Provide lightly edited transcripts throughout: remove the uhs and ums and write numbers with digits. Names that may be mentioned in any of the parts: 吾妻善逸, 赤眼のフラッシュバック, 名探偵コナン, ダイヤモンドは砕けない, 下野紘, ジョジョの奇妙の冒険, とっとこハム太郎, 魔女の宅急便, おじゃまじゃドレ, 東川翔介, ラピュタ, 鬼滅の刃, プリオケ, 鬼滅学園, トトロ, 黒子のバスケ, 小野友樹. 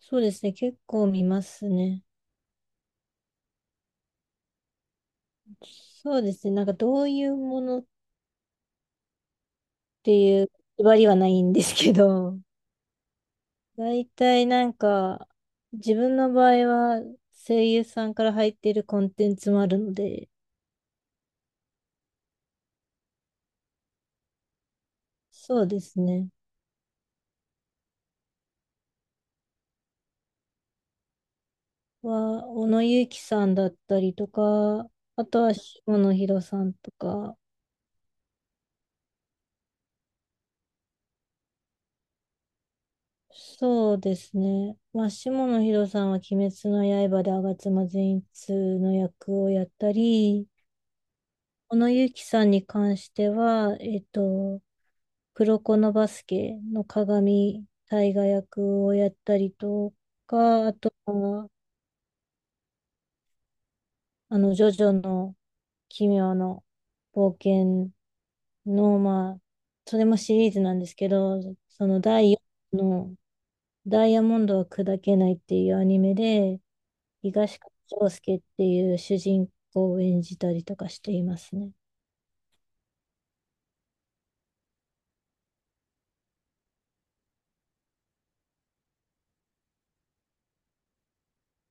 そうですね。結構見ますね。そうですね。どういうものっていう縛りはないんですけど、大体自分の場合は声優さんから入っているコンテンツもあるので、そうですね。小野友樹さんだったりとか、あとは下野紘さんとか、そうですね。下野紘さんは鬼滅の刃で吾妻善逸の役をやったり、小野ゆきさんに関しては、黒子のバスケの鏡大河役をやったりとか、あとは、ジョジョの奇妙の冒険の、それもシリーズなんですけど、その第4のダイヤモンドは砕けないっていうアニメで、東川翔介っていう主人公を演じたりとかしていますね。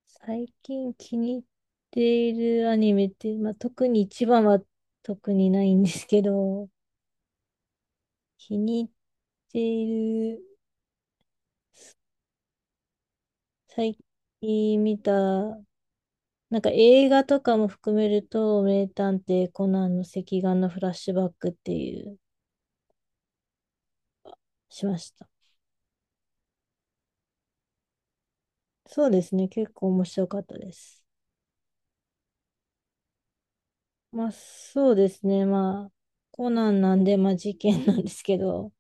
最近気に入っているアニメって、特に一番は特にないんですけど、気に入っている、最近見た、映画とかも含めると、名探偵コナンの赤眼のフラッシュバックっていう、しました。そうですね、結構面白かったです。そうですね、コナンなんで、まあ事件なんですけど、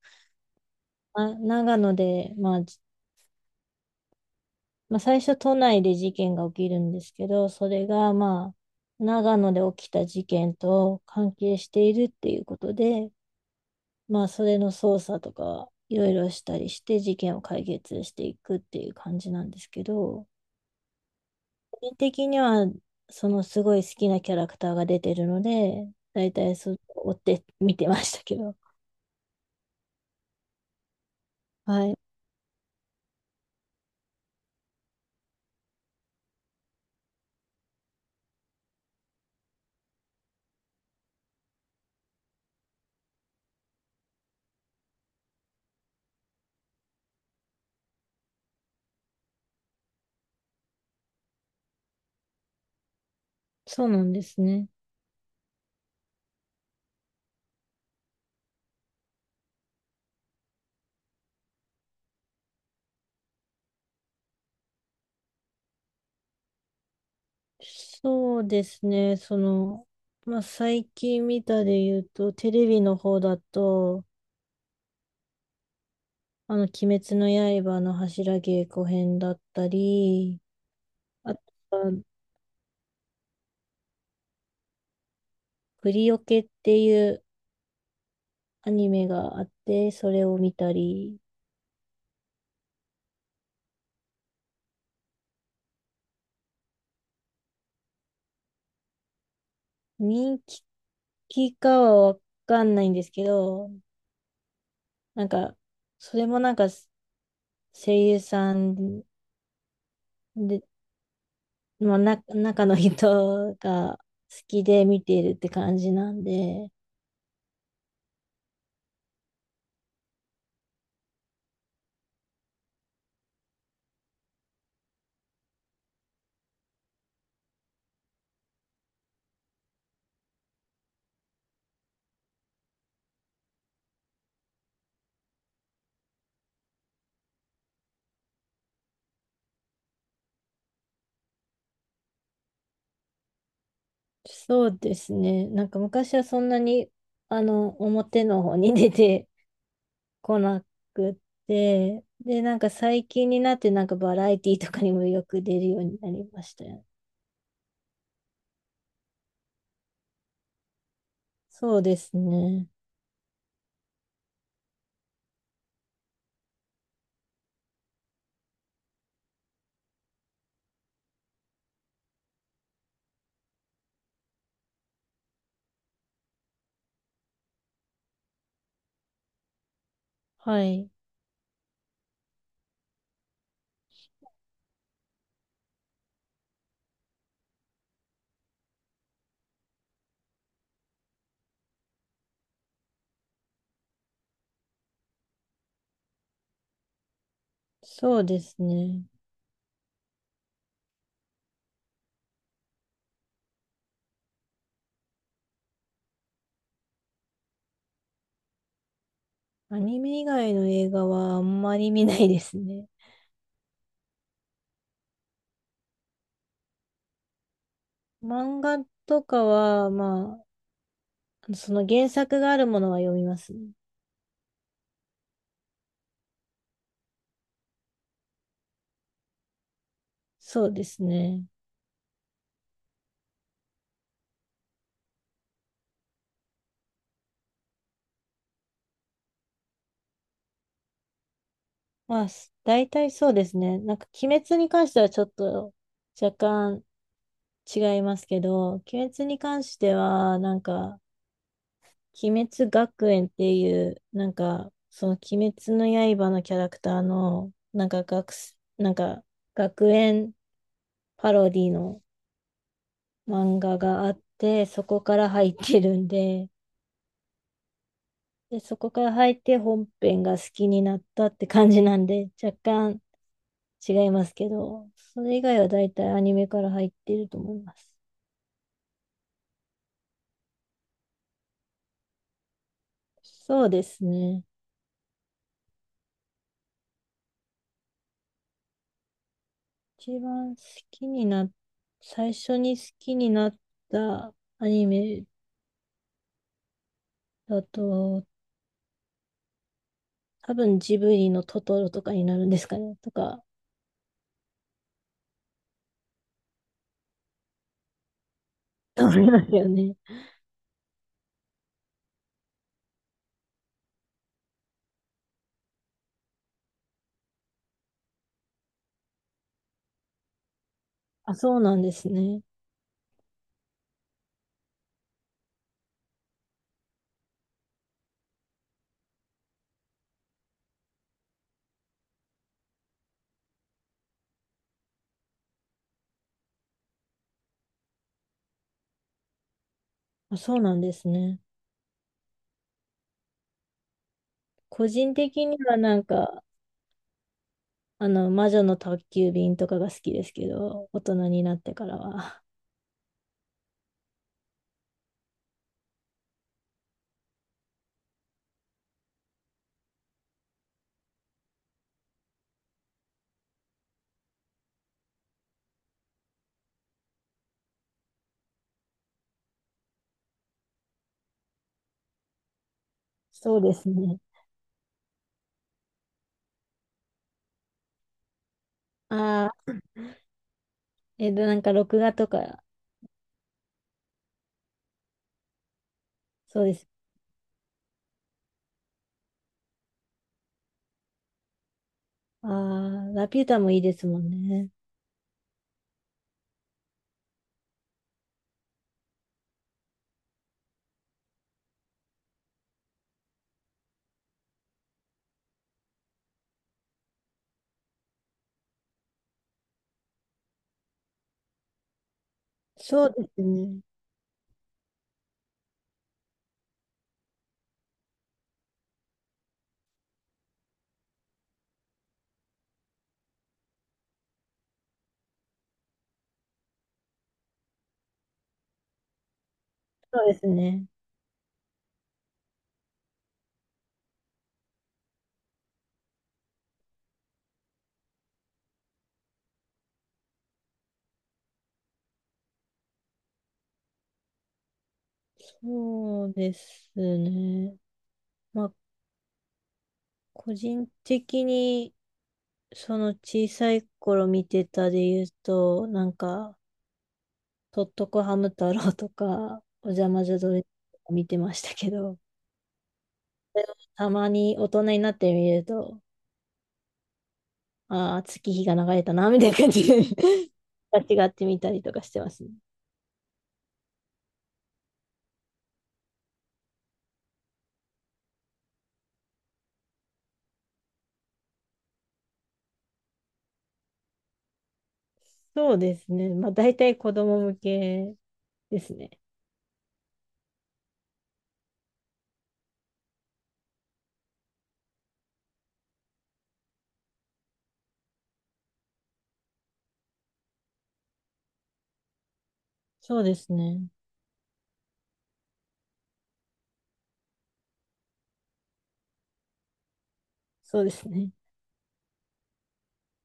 まあ、長野で、最初都内で事件が起きるんですけど、それが長野で起きた事件と関係しているっていうことで、それの捜査とかいろいろしたりして事件を解決していくっていう感じなんですけど、個人的にはそのすごい好きなキャラクターが出てるので、だいたいそう追って見てましたけど。はい。そうなんですね。そうですね。最近見たで言うと、テレビの方だと、鬼滅の刃の柱稽古編だったり、あとは、プリオケっていうアニメがあって、それを見たり、人気かはわかんないんですけど、なんか、それもなんか、声優さんで、中の人が好きで見ているって感じなんで、そうですね。昔はそんなに、表の方に出て こなくって、で、最近になってバラエティとかにもよく出るようになりましたよね。そうですね。はい。そうですね。アニメ以外の映画はあんまり見ないですね。漫画とかは、その原作があるものは読みますね。そうですね。大体そうですね。鬼滅に関してはちょっと若干違いますけど、鬼滅に関しては、鬼滅学園っていう、その鬼滅の刃のキャラクターの、なんか学す、なんか、学園パロディの漫画があって、そこから入ってるんで、で、そこから入って本編が好きになったって感じなんで、若干違いますけど、それ以外は大体アニメから入っていると思います。そうですね。一番好きにな、最初に好きになったアニメだと、多分ジブリのトトロとかになるんですかね、とか、思いますよね。あ、そうなんですね。あ、そうなんですね。個人的には魔女の宅急便とかが好きですけど、大人になってからは。そうですね。ああ、録画とか、そうです。ああ、ラピュタもいいですもんね。そうですね。そうですね。そうですね。まあ、個人的に、その小さい頃見てたで言うと、とっとこハム太郎とか、おじゃまじゃドレとか見てましたけど、それをたまに大人になってみると、ああ、月日が流れたな、みたいな感じで 間違ってみ たりとかしてますね。そうですね。まあ、大体子供向けですね。そうですね。そうですね。